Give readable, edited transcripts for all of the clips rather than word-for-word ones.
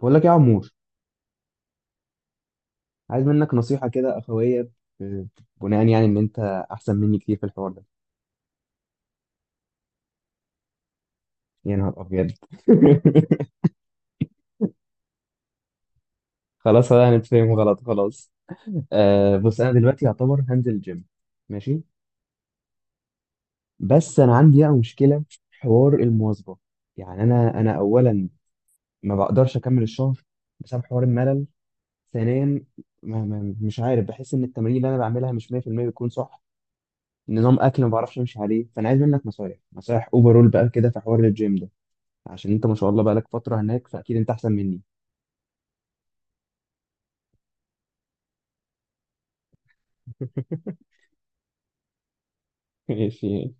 بقول لك يا عمور، عايز منك نصيحة كده أخوية. آه، بناء يعني إن أنت أحسن مني كتير في الحوار ده. يا نهار أبيض. خلاص، أنا هنتفهم غلط، خلاص. آه، بص، أنا دلوقتي يعتبر هنزل جيم، ماشي. بس أنا عندي بقى مشكلة في حوار المواظبة. يعني أنا أولا ما بقدرش أكمل الشهر بسبب حوار الملل. ثانيا، ما ما مش عارف، بحس إن التمارين اللي أنا بعملها مش 100% بتكون صح. نظام أكل ما بعرفش أمشي عليه، فأنا عايز منك نصايح، نصايح أوفرول بقى كده في حوار الجيم، عشان انت ما شاء الله بقالك فتره هناك، فاكيد انت احسن مني. ماشي.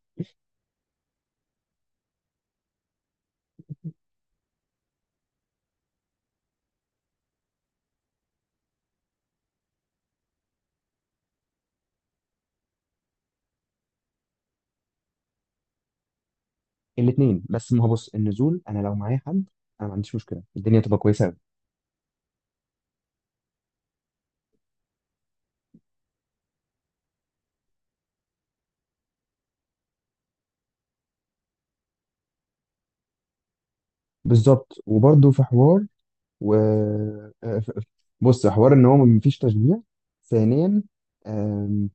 الاثنين. بس ما هو، بص، النزول، انا لو معايا حد، انا ما عنديش مشكله، الدنيا تبقى كويسه قوي. بالظبط. وبرده في حوار، و آه، ف- بص، حوار ان هو ما فيش تشجيع. ثانيا، آم،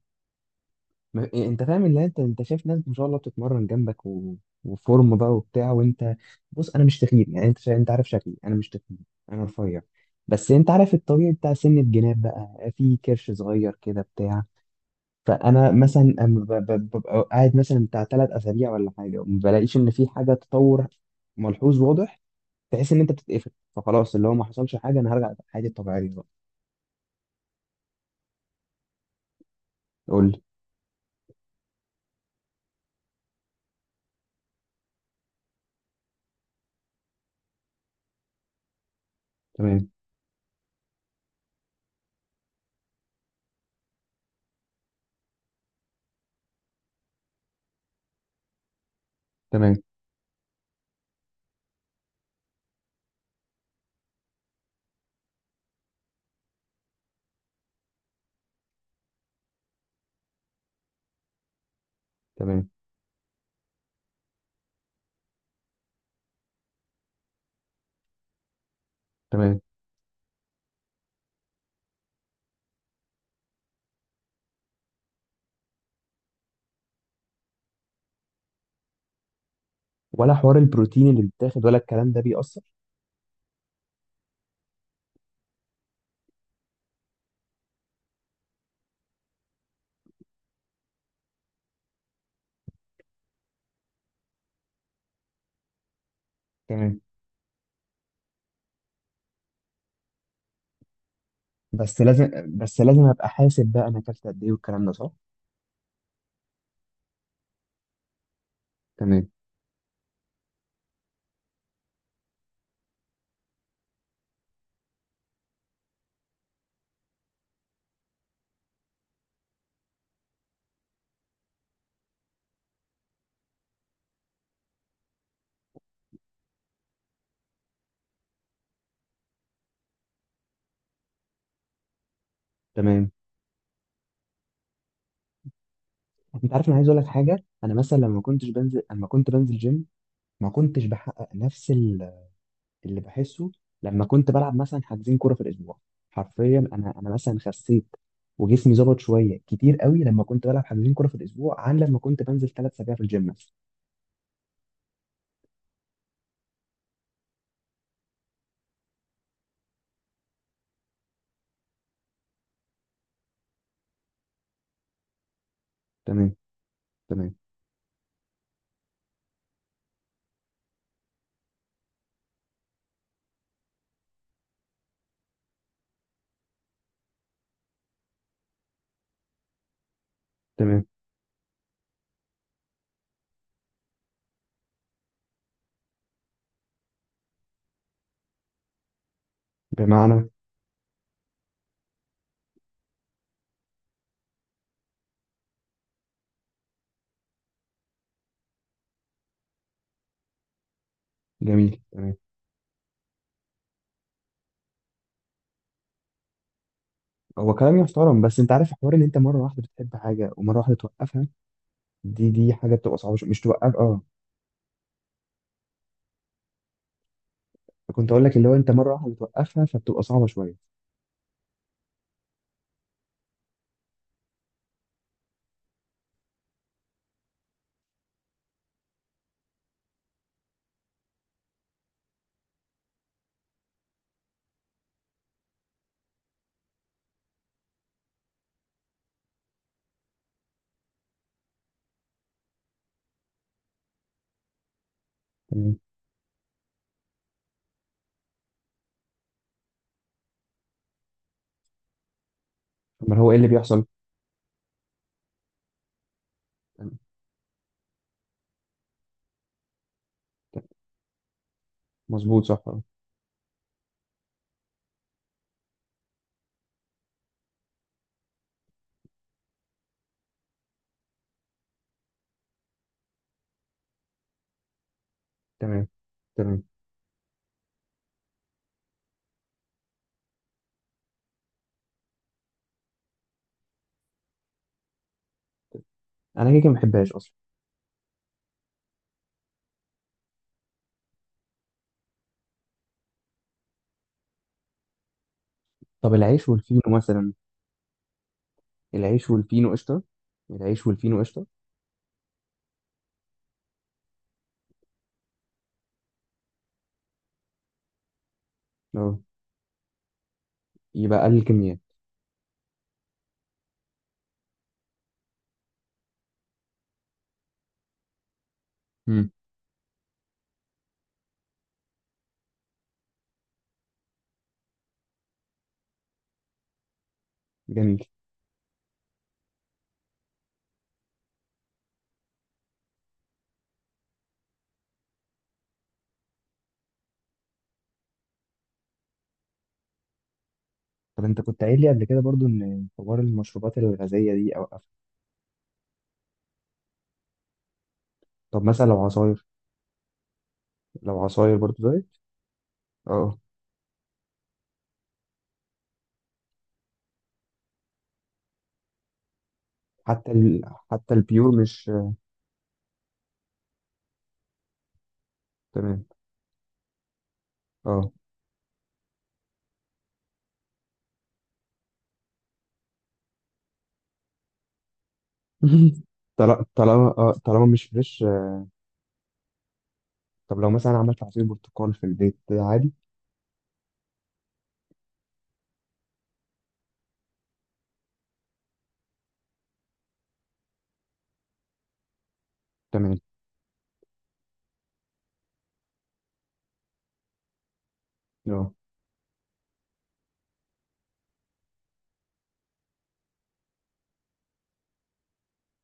ما- إيه، انت فاهم اللي انت شايف ناس ما شاء الله بتتمرن جنبك وفورم بقى وبتاع، وانت، بص، انا مش تخين. يعني انت انت عارف شكلي، انا مش تخين، انا رفيع. بس انت عارف الطبيعي بتاع سن الجناب، بقى في كرش صغير كده بتاع. فانا مثلا أما ببقى قاعد مثلا بتاع 3 اسابيع ولا حاجه، وما بلاقيش ان في حاجه تطور ملحوظ واضح. تحس ان انت بتتقفل، فخلاص، اللي هو ما حصلش حاجه، انا هرجع حياتي الطبيعيه بقى. قول لي. تمام، تمام، تمام، تمام. ولا حوار البروتين اللي بيتاخد ولا الكلام ده بيأثر؟ تمام. بس لازم ابقى حاسب بقى، انا اكلت قد ايه والكلام ده، صح. تمام، تمام. انت عارف، انا عايز اقول لك حاجه. انا مثلا لما كنتش بنزل اما كنت بنزل جيم، ما كنتش بحقق نفس اللي بحسه لما كنت بلعب مثلا حاجزين كوره في الاسبوع. حرفيا انا مثلا خسيت، وجسمي ظبط شويه كتير قوي لما كنت بلعب حاجزين كوره في الاسبوع، عن لما كنت بنزل 3 اسابيع في الجيم مثلا. تمام، تمام، تمام. بمعنى؟ جميل. تمام. هو كلام يحترم، بس انت عارف حوار ان انت مره واحده بتحب حاجه ومره واحده توقفها، دي حاجه بتبقى صعبه، مش توقف، اه. كنت اقول لك، اللي هو انت مره واحده بتوقفها، فبتبقى صعبه شويه. تمام. امال هو ايه اللي بيحصل؟ تمام. تمام. مظبوط، صح، اه. تمام، تمام. انا كده كده ما بحبهاش اصلا. طب العيش والفينو مثلا؟ العيش والفينو قشطة. العيش والفينو قشطة. اه، يبقى أقل الكميات. مم. جميل. طب أنت كنت قايل لي قبل كده برضو إن حوار المشروبات الغازية دي أوقفها. طب مثلا لو عصاير. لو عصاير برضو دايت؟ اه. حتى ال... حتى البيور، مش تمام؟ اه. طالما مش فريش. طب لو مثلا عملت عصير برتقال في البيت عادي. تمام. اه،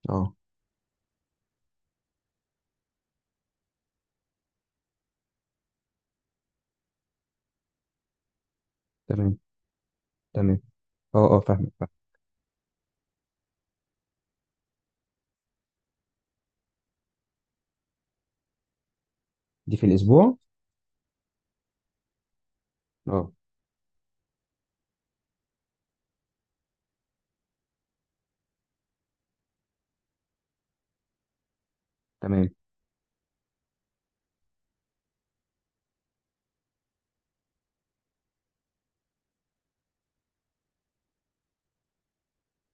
اه. تمام، تمام. اه، اه، فاهمك، فاهم. دي في الأسبوع؟ اه. تمام.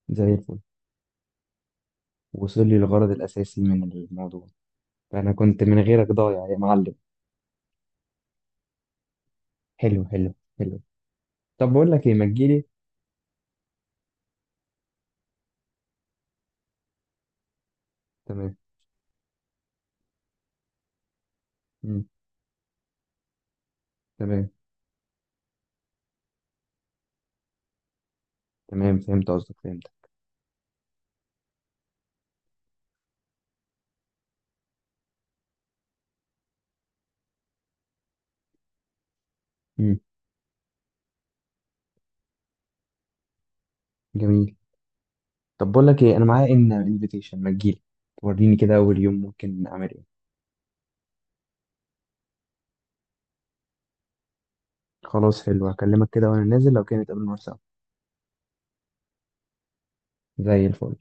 زي الفل. وصل لي الغرض الأساسي من الموضوع. فأنا كنت من غيرك ضايع يا معلم. حلو، حلو. حلو. طب بقول لك إيه، ما تجيلي. تمام. مم. تمام، تمام، فهمت قصدك، فهمت. مم. جميل. طب بقول لك إيه، أنا معايا إن انفيتيشن، ما تجيلي، توريني كده أول يوم ممكن أعمل إيه. خلاص، حلو، هكلمك كده وأنا نازل، لو كان نتقابل مرة سوا. زي الفل.